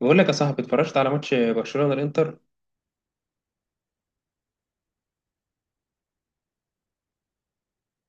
بقول لك يا صاحبي، اتفرجت على ماتش برشلونة الانتر.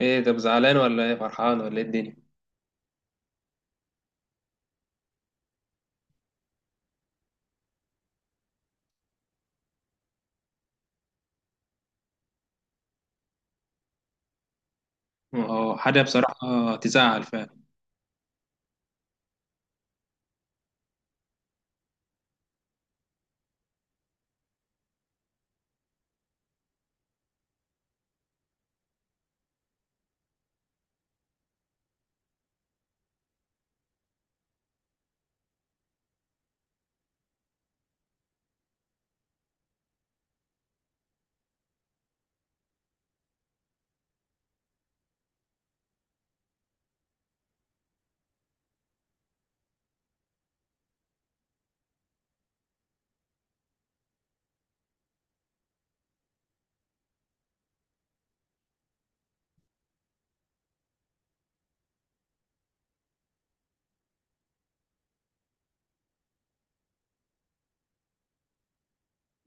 ايه ده؟ زعلان ولا ايه، فرحان ولا ايه الدنيا؟ اه، حاجه بصراحه تزعل فعلا.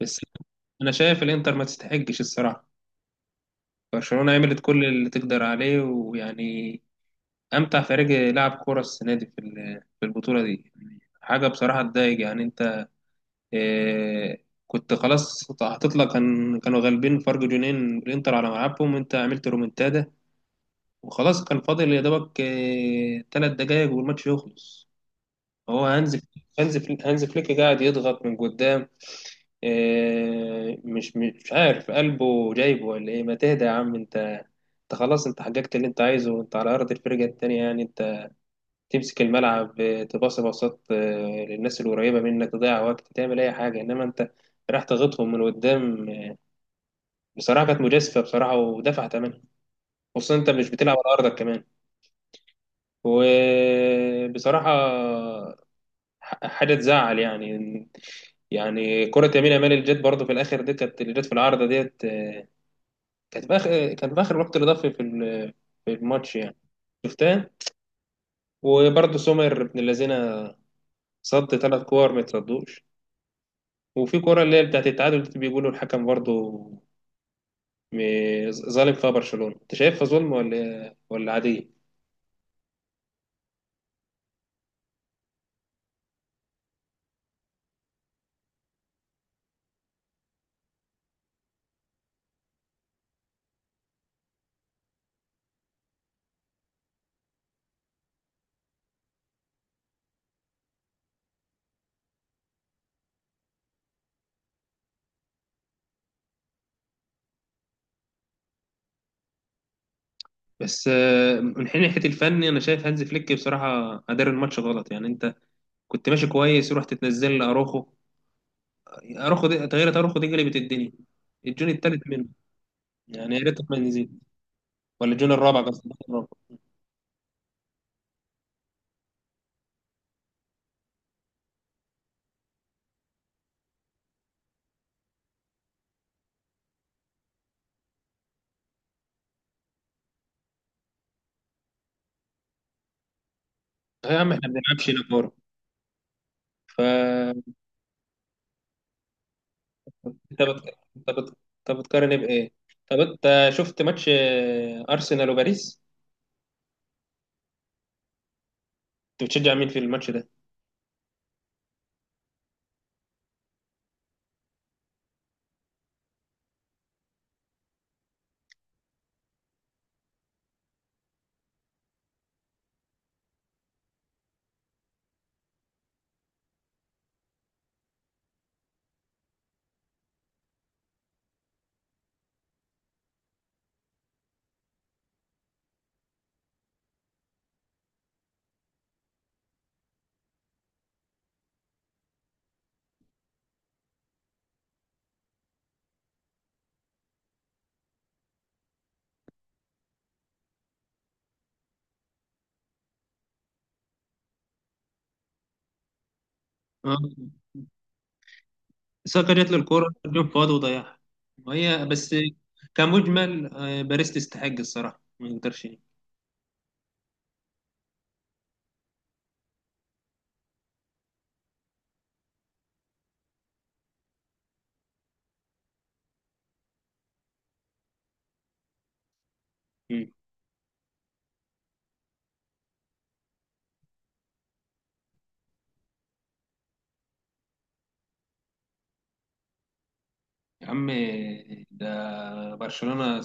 بس انا شايف الانتر ما تستحقش الصراحه. برشلونة عملت كل اللي تقدر عليه، ويعني امتع فريق لعب كوره السنه دي في في البطوله دي، يعني حاجه بصراحه تضايق يعني انت. إيه، كنت خلاص هتطلع، كانوا غالبين فرق جونين الانتر على ملعبهم وانت عملت رومنتادا. وخلاص كان فاضل يا دوبك 3 دقايق والماتش يخلص. هو هانز هانز فليك هانز فليك قاعد يضغط من قدام. إيه، مش عارف قلبه جايبه ولا ايه، ما تهدى يا عم انت. انت خلاص، انت حققت اللي انت عايزه، انت على ارض الفرقه التانيه يعني انت. تمسك الملعب، تباصي باصات للناس القريبه منك، تضيع وقت، تعمل اي حاجه، انما انت راح تغطهم من قدام. بصراحه كانت مجازفه، بصراحه ودفع ثمنها. خصوصا انت مش بتلعب على ارضك كمان. وبصراحه حاجه تزعل يعني. يعني كره يمين يامال اللي جت برضه في الاخر دي، كانت اللي جت في العارضه ديت. كانت في اخر وقت اضافي في في الماتش يعني. شفتها. وبرضه سومر ابن الذين، صد ثلاث كور ما يتصدوش. وفي كره اللي هي بتاعت التعادل دي، بيقولوا الحكم برضه ظالم فيها برشلونه. انت شايفها ظلم ولا عاديه؟ بس من حين ناحيه الفن، انا شايف هانز فليك بصراحه ادار الماتش غلط يعني انت. كنت ماشي كويس رحت تنزل لاروخو. اروخو دي تغيير، اروخو دي قلبت الدنيا، الجون التالت منه. يعني يا ريت ما نزيد ولا الجون الرابع، قصدي الرابع. صحيح يا عم، احنا ما بنلعبش هنا كوره. ف انت بت... انت بت... انت بتقارن إيه بايه؟ طب انت شفت ماتش ارسنال وباريس، انت بتشجع مين في الماتش ده؟ اه، ساكا جات له الكوره جون فاضي وضيعها، وهي بس. كمجمل باريس تستحق الصراحه، ما نقدرش. مم. يا عم، ده برشلونة.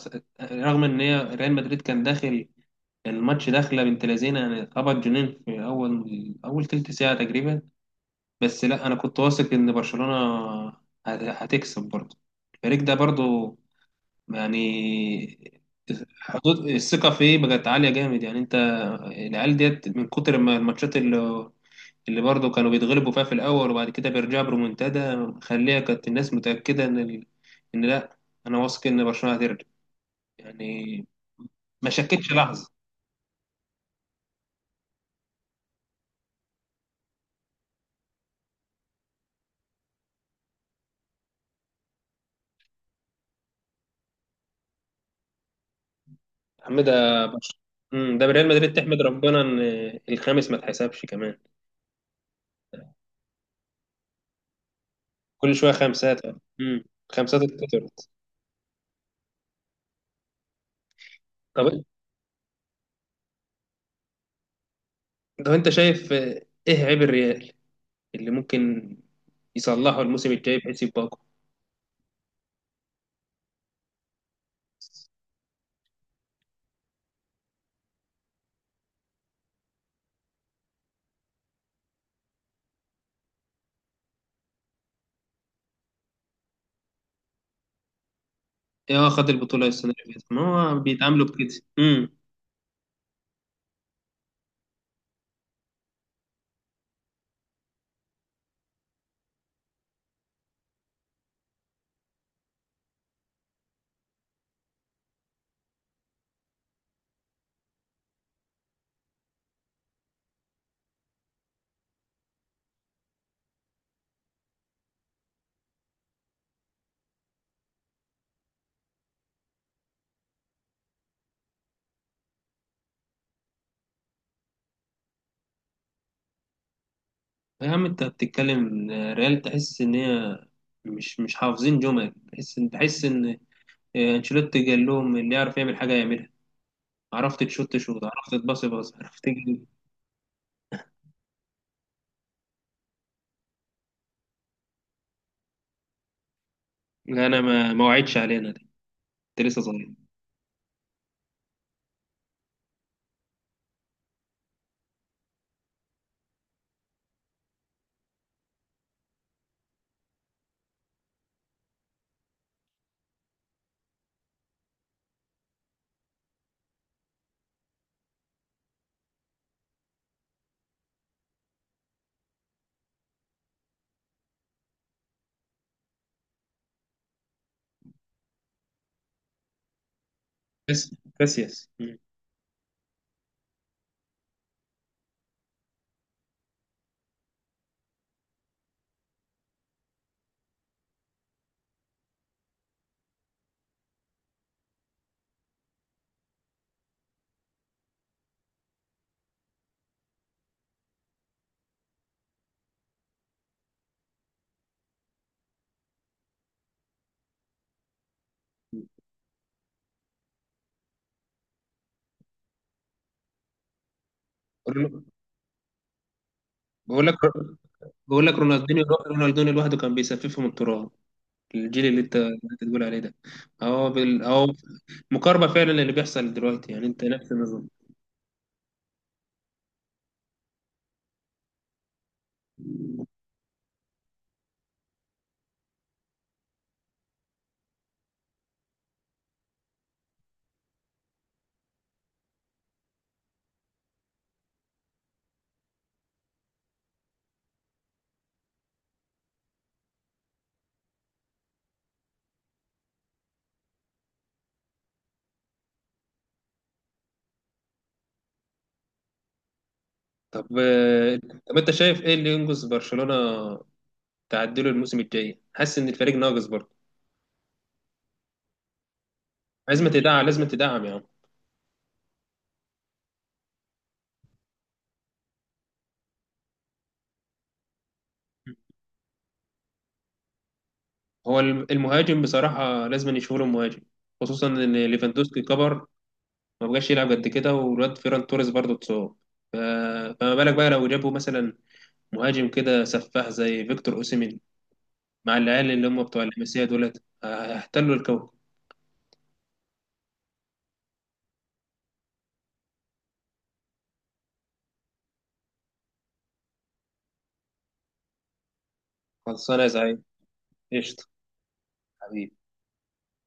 رغم ان هي ريال مدريد كان داخل الماتش داخله بنت لذينه، يعني اتخبط جنين في اول تلت ساعه تقريبا. بس لا، انا كنت واثق ان برشلونه هتكسب برضه. الفريق ده برضه يعني، حدود الثقه فيه بقت عاليه جامد يعني انت. العيال ديت من كتر ما الماتشات اللي برضه كانوا بيتغلبوا فيها في الاول وبعد كده بيرجعوا برومنتادا، خليها كانت الناس متاكده ان ان لا، انا واثق ان برشلونه هترجع يعني. ما شكتش لحظه. يا عم ده برش... مم، ده ريال مدريد، تحمد ربنا ان الخامس ما اتحسبش كمان. كل شويه خمسات. امم خمسات اتكترت. طب، طب انت شايف آه، ايه عيب الريال اللي ممكن يصلحه الموسم الجاي بحيث يبقى اقوى؟ ايه، هو خد البطوله السنه اللي فاتت، ما هو بيتعاملوا بكده. امم يا عم انت بتتكلم ريال، تحس ان هي مش حافظين جمل، تحس ان، انشيلوتي قال لهم اللي يعرف يعمل حاجه يعملها. عرفت تشوت شوت، عرفت تباصي باص، عرفت. لا، انا ما وعدش علينا دي. انت لسه صغير. بس كاسياس. مم. بقول لك بقول لك بقول لك، رونالدينيو لوحده كان بيسففهم التراب. الجيل اللي انت بتقول عليه ده اهو مقاربه فعلا، اللي بيحصل دلوقتي يعني انت نفس النظام. طب آه، طب انت شايف ايه اللي ينقذ برشلونه تعدله الموسم الجاي؟ حاسس ان الفريق ناقص برضه؟ لازم تدعم، لازم تدعم يا عم. هو المهاجم بصراحه لازم يشوفوا له مهاجم، خصوصا ان ليفاندوسكي كبر، ما بقاش يلعب قد كده، والواد فيران توريس برضه اتصاب. ف- فما بالك بقى لو جابوا مثلا مهاجم كده سفاح زي فيكتور اوسيمين، مع العيال اللي هم بتوع اللمسيه دولت، هيحتلوا الكوكب. خلصانه يا زعيم. قشطه. حبيبي.